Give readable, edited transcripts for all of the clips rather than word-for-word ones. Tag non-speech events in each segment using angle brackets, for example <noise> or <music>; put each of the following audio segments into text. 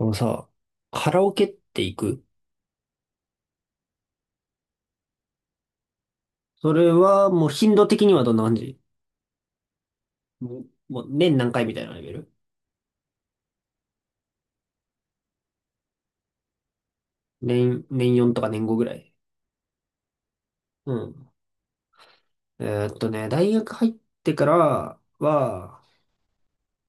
あのさ、カラオケって行く？それはもう頻度的にはどんな感じ？もう年何回みたいなレベル？年4とか年5ぐらい。うん。大学入ってからは、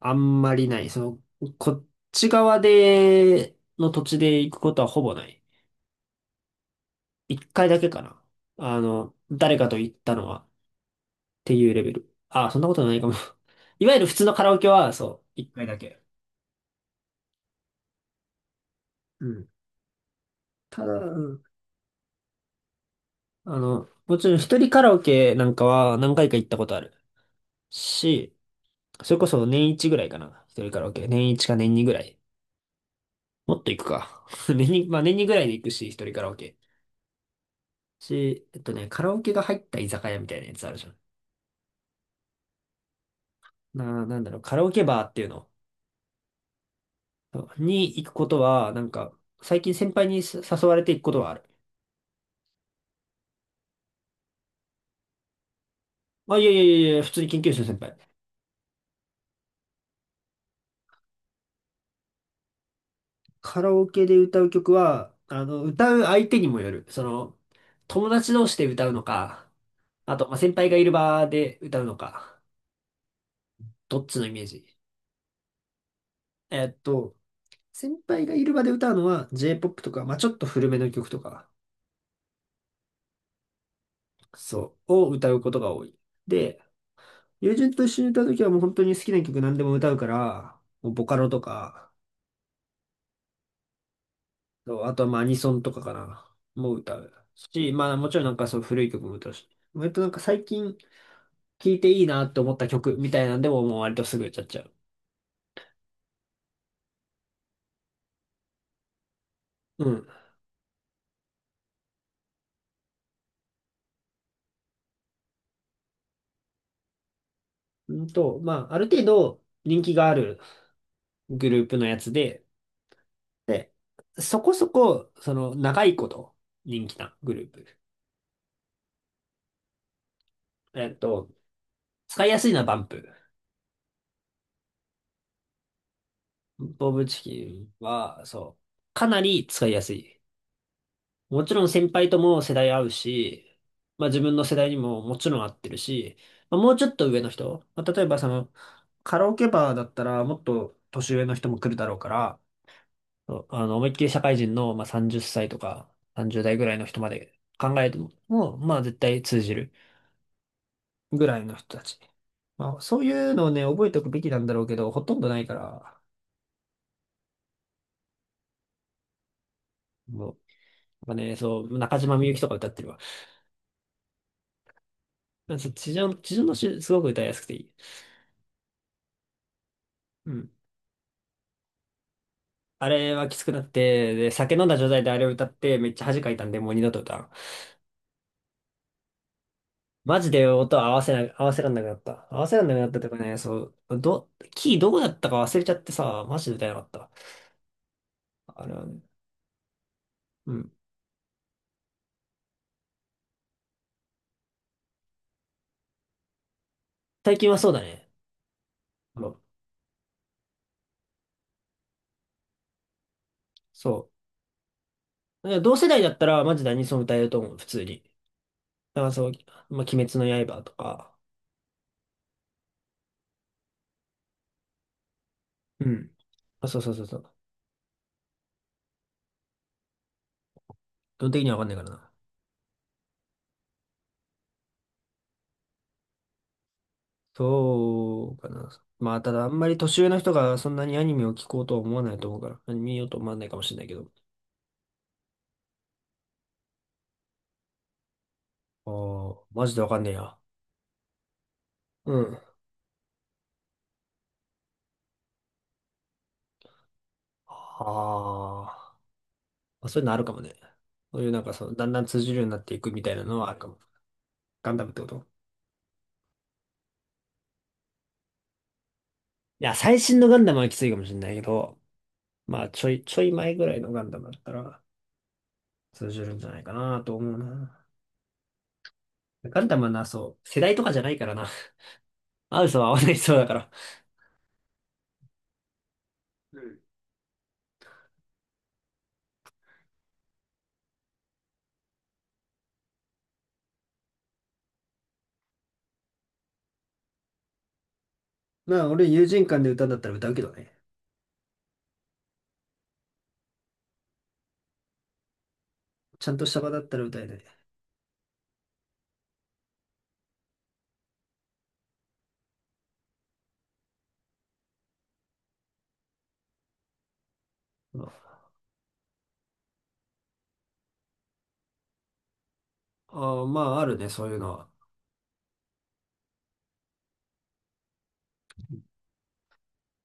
あんまりない。こっち側で、の土地で行くことはほぼない。一回だけかな。誰かと行ったのは、っていうレベル。あ、そんなことないかも。<laughs> いわゆる普通のカラオケは、そう、一回だけ。うん。ただ、もちろん一人カラオケなんかは何回か行ったことあるし、それこそ年一ぐらいかな。一人カラオケ。年一か年二ぐらい。もっと行くか。<laughs> 年に、まあ年二ぐらいで行くし、一人カラオケ。し、えっとね、カラオケが入った居酒屋みたいなやつあるじゃん。なんだろう、カラオケバーっていうのに行くことは、なんか、最近先輩に誘われて行くことはある。あ、いやいやいやいや、普通に研究室の先輩。カラオケで歌う曲は、歌う相手にもよる。友達同士で歌うのか、あと、まあ、先輩がいる場で歌うのか、どっちのイメージ？えっと、先輩がいる場で歌うのは J-POP とか、まあ、ちょっと古めの曲とか、そう、を歌うことが多い。で、友人と一緒に歌うときはもう本当に好きな曲何でも歌うから、もうボカロとか、そうあとはまあアニソンとかかな、もう歌う。し、まあもちろんなんかそう古い曲も歌うし。割となんか最近聴いていいなって思った曲みたいなんでももう割とすぐ歌っちゃう。うん。まあ、ある程度人気があるグループのやつで、で、そこそこ、長いこと人気なグループ。えっと、使いやすいのはバンプ。ボブチキンは、そう、かなり使いやすい。もちろん先輩とも世代合うし、まあ自分の世代にももちろん合ってるし、まあ、もうちょっと上の人、まあ、例えばカラオケバーだったらもっと年上の人も来るだろうから、そう思いっきり社会人の、まあ、30歳とか30代ぐらいの人まで考えても、まあ絶対通じるぐらいの人たち。まあそういうのをね、覚えておくべきなんだろうけど、ほとんどないから、もう、まあね、そう、中島みゆきとか歌ってるわ。そう地上の詩、すごく歌いやすくていい。うん。あれはきつくなって、で、酒飲んだ状態であれを歌って、めっちゃ恥かいたんで、もう二度と歌わん。マジで音合わせな、合わせらんなくなった。合わせらんなくなったとかね、そう、キーどこだったか忘れちゃってさ、マジで歌えなかった。あれはね。うん。最近はそうだね。もう、そう。だから同世代だったら、マジ何その歌えると思う、普通に。だからそう、まあ、鬼滅の刃とか。うん。あ、そうそうそうそう。基本的にはわかんないからな。そうかな。まあ、ただあんまり年上の人がそんなにアニメを聞こうとは思わないと思うから、アニメ見ようと思わないかもしれないけど。ああ、マジでわかんねえや。うん。ああ。まあ、そういうのあるかもね。そういうなんかだんだん通じるようになっていくみたいなのはあるかも。ガンダムってこと？いや、最新のガンダムはきついかもしれないけど、まあ、ちょい前ぐらいのガンダムだったら通じるんじゃないかなと思うな。ガンダムはな、そう、世代とかじゃないからな。合う人は合わない人だから。うんまあ、俺、友人間で歌うんだったら歌うけどね。ちゃんとした場だったら歌えない。ああー、まあ、あるね、そういうのは。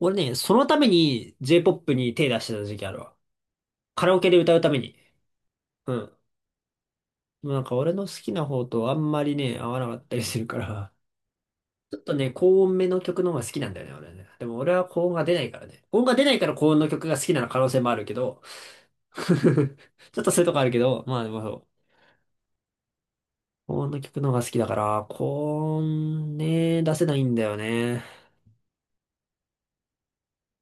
俺ね、そのために J-POP に手出してた時期あるわ。カラオケで歌うために。うん。なんか俺の好きな方とあんまりね、合わなかったりするから。ちょっとね、高音めの曲の方が好きなんだよね、俺はね。でも俺は高音が出ないからね。高音が出ないから高音の曲が好きな可能性もあるけど、<laughs> ちょっとそういうとこあるけど、まあでもそう。高音の曲の方が好きだから、高音ね、出せないんだよね。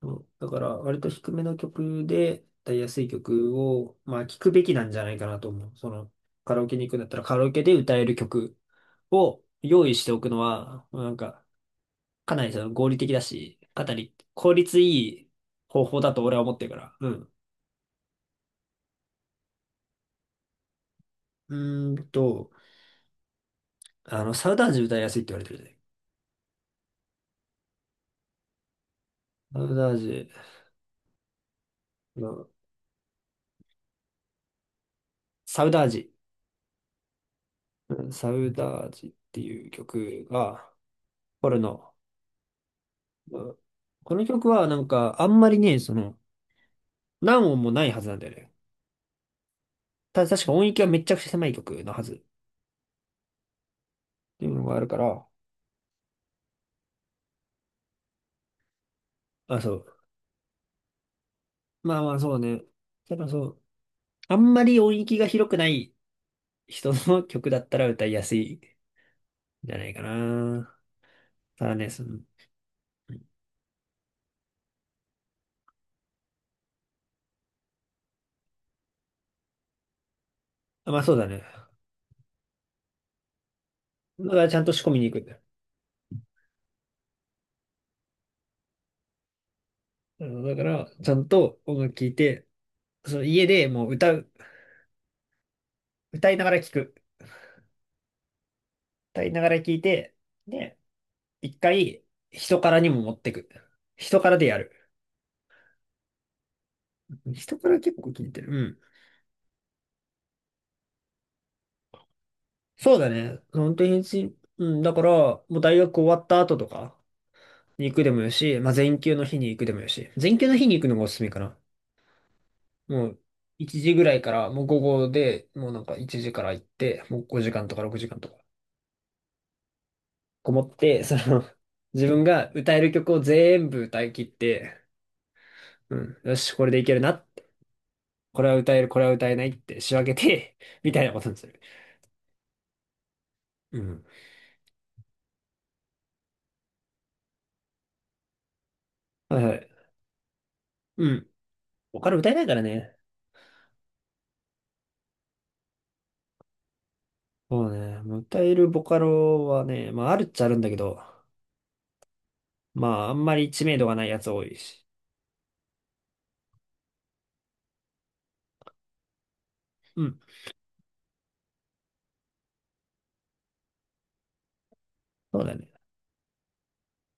そうだから割と低めの曲で、歌いやすい曲を、まあ聞くべきなんじゃないかなと思う。カラオケに行くんだったらカラオケで歌える曲を用意しておくのは、なんか、かなり合理的だし、かなり効率いい方法だと俺は思ってるから。うん。うーんと、サウダージ歌いやすいって言われてるじゃない。サウダージ、のサウダージ、うんサウダージっていう曲が、これの、うんこの曲はなんかあんまりね、何音もないはずなんだよね。確か音域はめちゃくちゃ狭い曲のはずっていうのがあるから、あ、そう。まあまあそうね。ただそう、あんまり音域が広くない人の曲だったら歌いやすい。じゃないかな。ただね、あまあそうだね。だからちゃんと仕込みに行くんだよ。だから、ちゃんと音楽聴いて、その家でもう歌う、歌いながら聴く。歌いながら聴いて、で、一回、人からにも持ってく。人からでやる。人から結構聞いてる。うん。そうだね。本当にし、うん、だから、もう大学終わった後とかに行くでもよし、まあ前休の日に行くでもよし。前休の日に行くのがおすすめかな。もう1時ぐらいから、もう午後で、もうなんか1時から行って、もう5時間とか6時間とか、こもって、自分が歌える曲を全部歌い切って、うん、よし、これでいけるなって、これは歌える、これは歌えないって仕分けて、<laughs> みたいなことにする。うん。はいはい。うん。ボカロ歌えないからね。そうね。もう歌えるボカロはね、まああるっちゃあるんだけど、まああんまり知名度がないやつ多いし。うん。そうだね。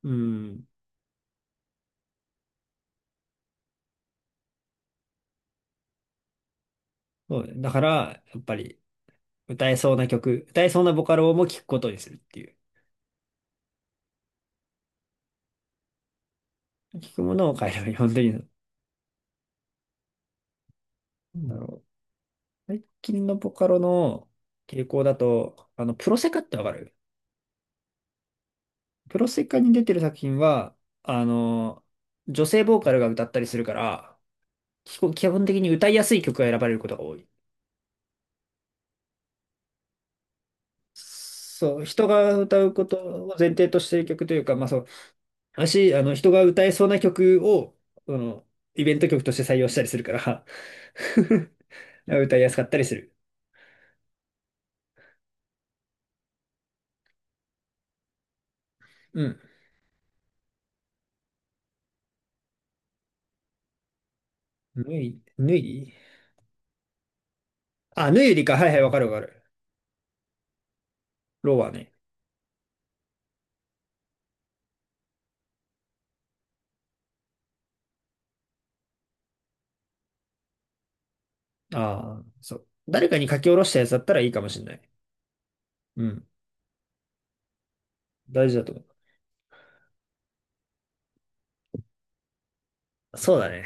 うん。そうだね。だから、やっぱり、歌えそうな曲、歌えそうなボカロも聞くことにするっていう。聞くものを変えれば本当に、なんだろう。最近のボカロの傾向だと、プロセカってわかる？プロセカに出てる作品は、あの、女性ボーカルが歌ったりするから、基本的に歌いやすい曲が選ばれることが多い。そう、人が歌うことを前提としてる曲というか、まあそう、私、人が歌えそうな曲を、あの、イベント曲として採用したりするから <laughs> 歌いやすかったりする。うん。ぬいあ、ぬゆりか。はいはい、わかるわかる。ロはね。ああ、そう。誰かに書き下ろしたやつだったらいいかもしれない。うん。大事だと思う。そうだね。